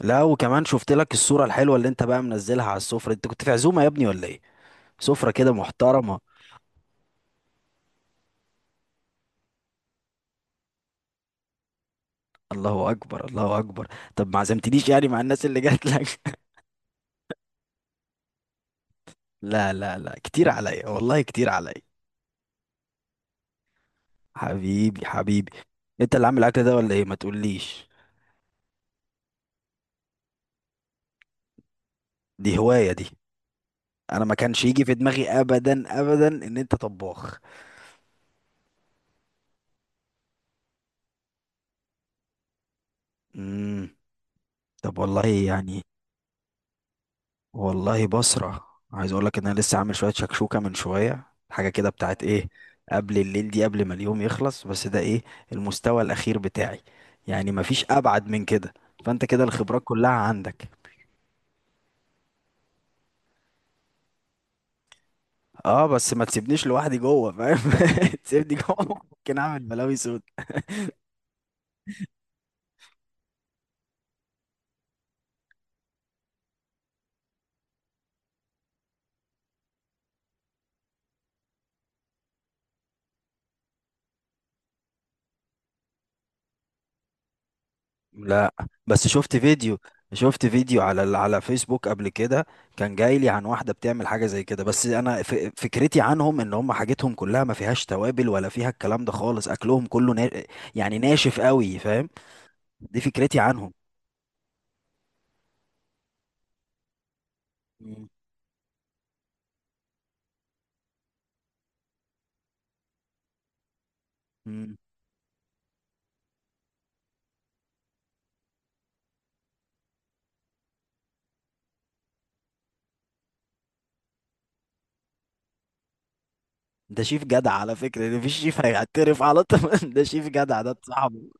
لا، وكمان شفت لك الصورة الحلوة اللي انت بقى منزلها على السفرة. انت كنت في عزومة يا ابني ولا ايه؟ سفرة كده محترمة. الله اكبر الله اكبر. طب ما عزمتنيش يعني مع الناس اللي جات لك؟ لا لا لا، كتير عليا والله، كتير عليا. حبيبي حبيبي. انت اللي عامل الاكل ده ولا ايه؟ ما تقوليش، دي هواية دي. انا ما كانش يجي في دماغي ابدا ان انت طباخ. امم طب والله يعني. والله بسرع، عايز اقول لك ان انا لسه عامل شويه شكشوكه من شويه. حاجه كده بتاعت ايه، قبل الليل دي، قبل ما اليوم يخلص، بس ده ايه؟ المستوى الاخير بتاعي، يعني مفيش ابعد من كده. فانت كده الخبرات كلها عندك. اه، بس ما تسيبنيش لوحدي جوه، فاهم؟ تسيبني جوه ممكن اعمل بلاوي سودا. لا، بس شفت فيديو. شفت فيديو على على فيسبوك قبل كده. كان جاي لي عن واحده بتعمل حاجه زي كده، بس انا فكرتي عنهم ان هم حاجتهم كلها ما فيهاش توابل ولا فيها الكلام ده خالص. اكلهم كله نا... يعني ناشف قوي، فاهم؟ دي فكرتي عنهم. مم. مم. ده شيف جدع على فكره. ده مفيش شيف هيعترف على طول. ده شيف جدع، ده صاحبه.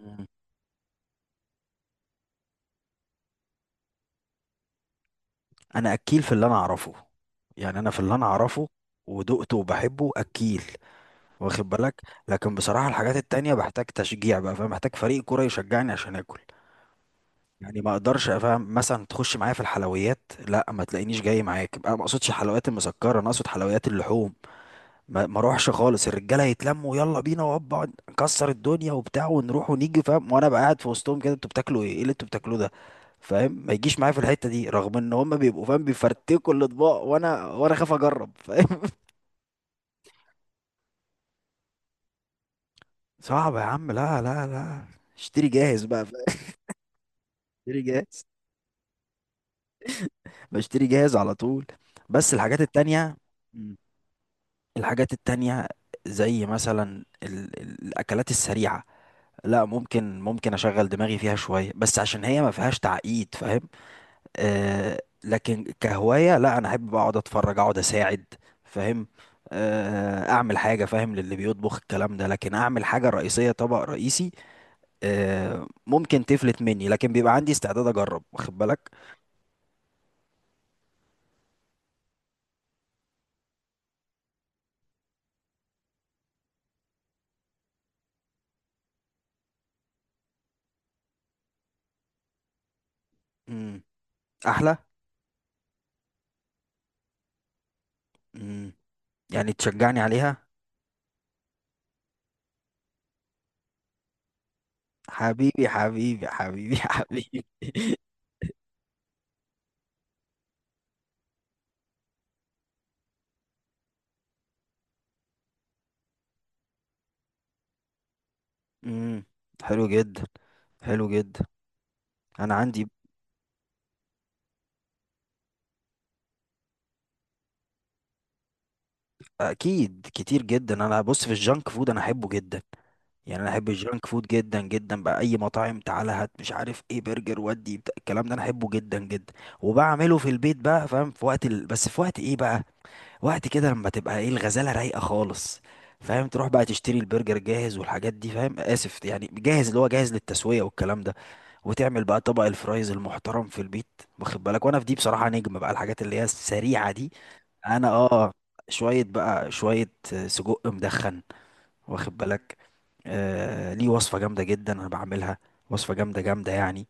مم. انا اكيل في اللي انا اعرفه. يعني انا في اللي انا اعرفه ودقته وبحبه اكيل، واخد بالك؟ لكن بصراحة الحاجات التانية بحتاج تشجيع بقى، فاهم؟ محتاج فريق كورة يشجعني عشان اكل. يعني ما اقدرش افهم مثلا تخش معايا في الحلويات، لا، ما تلاقينيش جاي معاك بقى. ما اقصدش الحلويات المسكرة، انا اقصد حلويات اللحوم. ما اروحش خالص. الرجالة يتلموا، يلا بينا وابا نكسر الدنيا وبتاع، ونروح ونيجي، فاهم؟ وانا بقى قاعد في وسطهم كده، انتوا بتاكلوا ايه؟ ايه اللي انتوا بتاكلوه ده؟ فاهم؟ ما يجيش معايا في الحتة دي، رغم ان هم بيبقوا فاهم بيفرتكوا الاطباق، وانا خاف اجرب، فاهم؟ صعب يا عم، لا لا لا. اشتري جاهز بقى. بشتري جاهز، بشتري جاهز على طول. بس الحاجات التانية. مم. الحاجات التانية، زي مثلا ال... الأكلات السريعة، لا ممكن، ممكن أشغل دماغي فيها شوية، بس عشان هي ما فيهاش تعقيد، فاهم؟ آه، لكن كهواية لا، أنا أحب أقعد أتفرج، أقعد أساعد، فاهم؟ آه، أعمل حاجة فاهم للي بيطبخ الكلام ده، لكن أعمل حاجة رئيسية، طبق رئيسي، آه ممكن تفلت مني، لكن بيبقى عندي استعداد أجرب، واخد بالك؟ مم. أحلى. مم. يعني تشجعني عليها. حبيبي حبيبي حبيبي حبيبي. امم حلو جدا، حلو جدا. انا عندي. اكيد كتير جدا. انا بص، في الجانك فود انا احبه جدا. يعني انا احب الجانك فود جدا جدا بقى. اي مطاعم تعالى هات، مش عارف ايه، برجر ودي الكلام ده انا احبه جدا جدا. وبعمله في البيت بقى، فاهم؟ في وقت ال... بس في وقت ايه بقى؟ وقت كده لما تبقى ايه، الغزاله رايقه خالص، فاهم؟ تروح بقى تشتري البرجر جاهز والحاجات دي، فاهم؟ اسف يعني جاهز، اللي هو جاهز للتسويه والكلام ده، وتعمل بقى طبق الفرايز المحترم في البيت، واخد بالك؟ وانا في دي بصراحه نجم بقى. الحاجات اللي هي السريعه دي انا اه، شويه بقى شويه. سجق مدخن، واخد بالك؟ آه، ليه وصفه جامده جدا انا بعملها، وصفه جامده جامده يعني،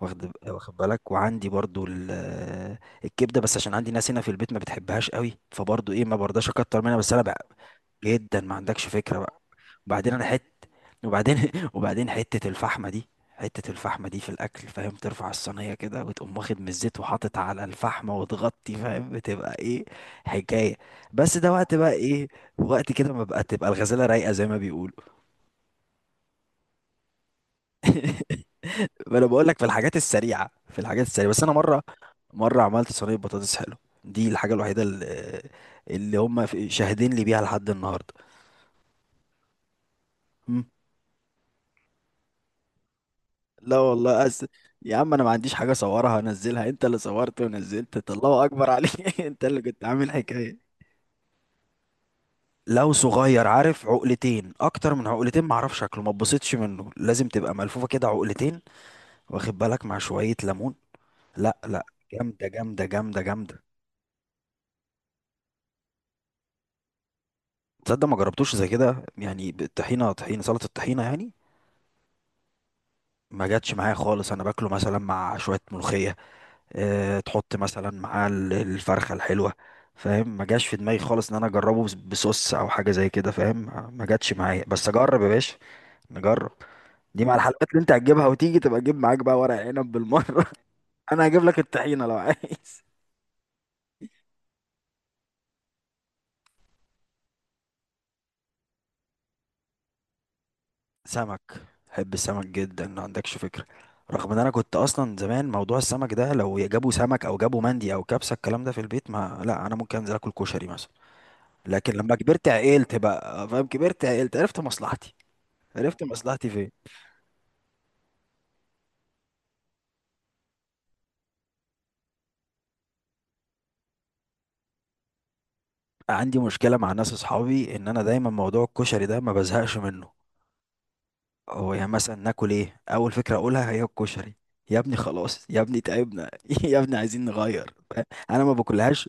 واخد بالك؟ وعندي برضو الكبده، بس عشان عندي ناس هنا في البيت ما بتحبهاش قوي، فبرضو ايه، ما برضاش اكتر منها، بس انا بقى جدا ما عندكش فكره. وبعدين انا حت، وبعدين وبعدين حتة الفحمة دي، حتة الفحمة دي في الأكل، فاهم؟ ترفع الصينية كده وتقوم واخد من الزيت وحاطط على الفحمة وتغطي، فاهم؟ بتبقى إيه، حكاية. بس ده وقت بقى إيه، وقت كده ما بقى، تبقى الغزالة رايقة زي ما بيقولوا. ما أنا بقول لك في الحاجات السريعة، في الحاجات السريعة. بس أنا مرة، مرة عملت صينية بطاطس حلو، دي الحاجة الوحيدة اللي، اللي هم شاهدين لي بيها لحد النهاردة. لا والله، أس... يا عم، انا ما عنديش حاجه اصورها انزلها. انت اللي صورت ونزلت، الله اكبر عليك انت اللي كنت عامل حكايه. لو صغير، عارف، عقلتين، اكتر من عقلتين معرفش شكله، ما اتبسطش منه. لازم تبقى ملفوفه كده عقلتين، واخد بالك؟ مع شويه ليمون، لا لا، جامده جامده جامده جامده. تصدق ما جربتوش زي كده؟ يعني الطحينه، طحينه، سلطه الطحينه يعني، ما جاتش معايا خالص. انا باكله مثلا مع شويه ملوخيه، آه، تحط مثلا معاه الفرخة الحلوة، فاهم؟ ما جاش في دماغي خالص ان انا اجربه بصوص او حاجة زي كده، فاهم؟ ما جاتش معايا، بس اجرب يا باشا، نجرب. دي مع الحلويات اللي انت هتجيبها، وتيجي تبقى تجيب معاك بقى ورق عنب بالمرة. انا هجيب لك الطحينة لو عايز. سمك، بحب السمك جدا، ما عندكش فكرة. رغم ان انا كنت اصلا زمان موضوع السمك ده، لو جابوا سمك او جابوا مندي او كبسة الكلام ده في البيت، ما لا، انا ممكن انزل اكل كشري مثلا. لكن لما كبرت عقلت بقى، فاهم؟ كبرت عقلت، عرفت مصلحتي. عرفت مصلحتي فين. عندي مشكله مع ناس اصحابي ان انا دايما موضوع الكشري ده ما بزهقش منه. هو يعني مثلا ناكل ايه، اول فكره اقولها هي الكشري. يا ابني خلاص، يا ابني تعبنا يا ابني عايزين نغير. انا ما باكلهاش.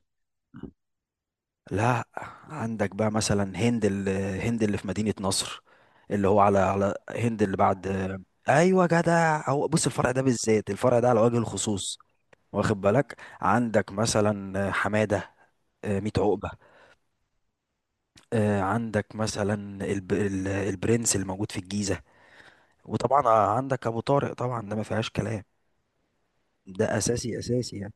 لا، عندك بقى مثلا هند هند اللي في مدينة نصر، اللي هو على على هند اللي بعد. ايوه جدع، هو بص الفرع ده بالذات، الفرع ده على وجه الخصوص، واخد بالك؟ عندك مثلا حمادة، آه، ميت عقبة. آه، عندك مثلا البرنس اللي موجود في الجيزة. وطبعا آه، عندك ابو طارق طبعا، ده ما فيهاش كلام، ده اساسي اساسي يعني.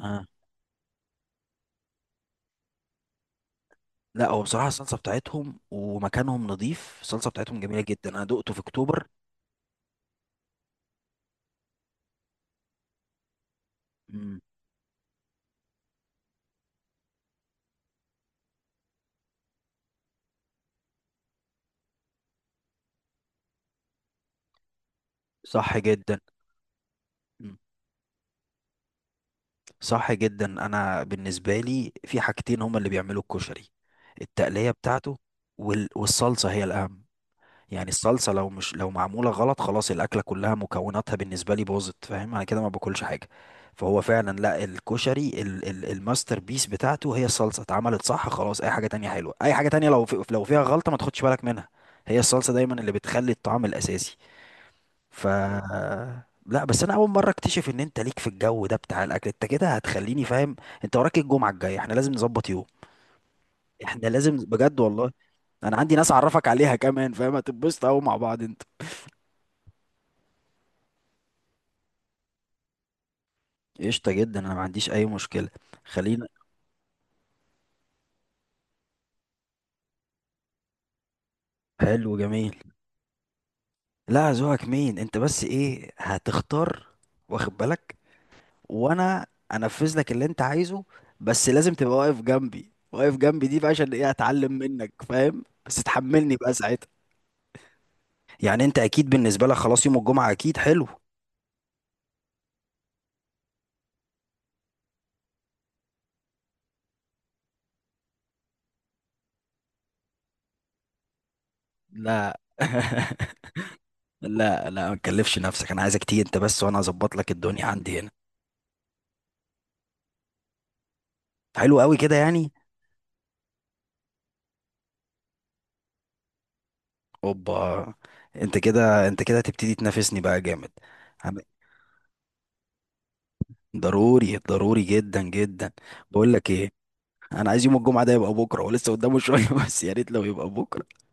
آه. لا هو بصراحة الصلصة بتاعتهم ومكانهم نظيف، الصلصة بتاعتهم جميلة جدا، انا دقته في اكتوبر. مم. صح جدا. مم. صح جدا. انا بالنسبة لي في حاجتين هما اللي بيعملوا الكشري، التقلية بتاعته، والصلصة هي الاهم. يعني الصلصة لو مش، لو معمولة غلط، خلاص الأكلة كلها مكوناتها بالنسبة لي باظت، فاهم؟ أنا كده ما باكلش حاجة. فهو فعلا لا، الكشري ال الماستر بيس بتاعته هي الصلصة، اتعملت صح خلاص، أي حاجة تانية حلوة، أي حاجة تانية لو في، لو فيها غلطة ما تاخدش بالك منها. هي الصلصة دايما اللي بتخلي الطعم الأساسي. ف، لا بس انا اول مره اكتشف ان انت ليك في الجو ده بتاع الاكل. انت كده هتخليني فاهم. انت وراك الجمعه الجايه، احنا لازم نظبط يوم، احنا لازم بجد والله. انا عندي ناس اعرفك عليها كمان، فاهم؟ هتتبسط قوي مع بعض. قشطة جدا، انا ما عنديش اي مشكلة. خلينا. حلو جميل. لا، ذوقك مين انت، بس ايه هتختار، واخد بالك؟ وانا انفذ لك اللي انت عايزه. بس لازم تبقى واقف جنبي، واقف جنبي دي بقى عشان ايه، اتعلم منك، فاهم؟ بس تحملني بقى ساعتها. يعني انت اكيد بالنسبة لك خلاص يوم الجمعة اكيد حلو. لا لا لا، ما تكلفش نفسك، انا عايزك تيجي انت بس وانا اظبط لك الدنيا عندي هنا. حلو قوي كده يعني. اوبا، انت كده انت كده هتبتدي تنافسني بقى جامد. عم- ضروري ضروري جدا جدا. بقول لك ايه، انا عايز يوم الجمعه ده يبقى بكره، ولسه قدامه شويه، بس يا ريت لو يبقى بكره.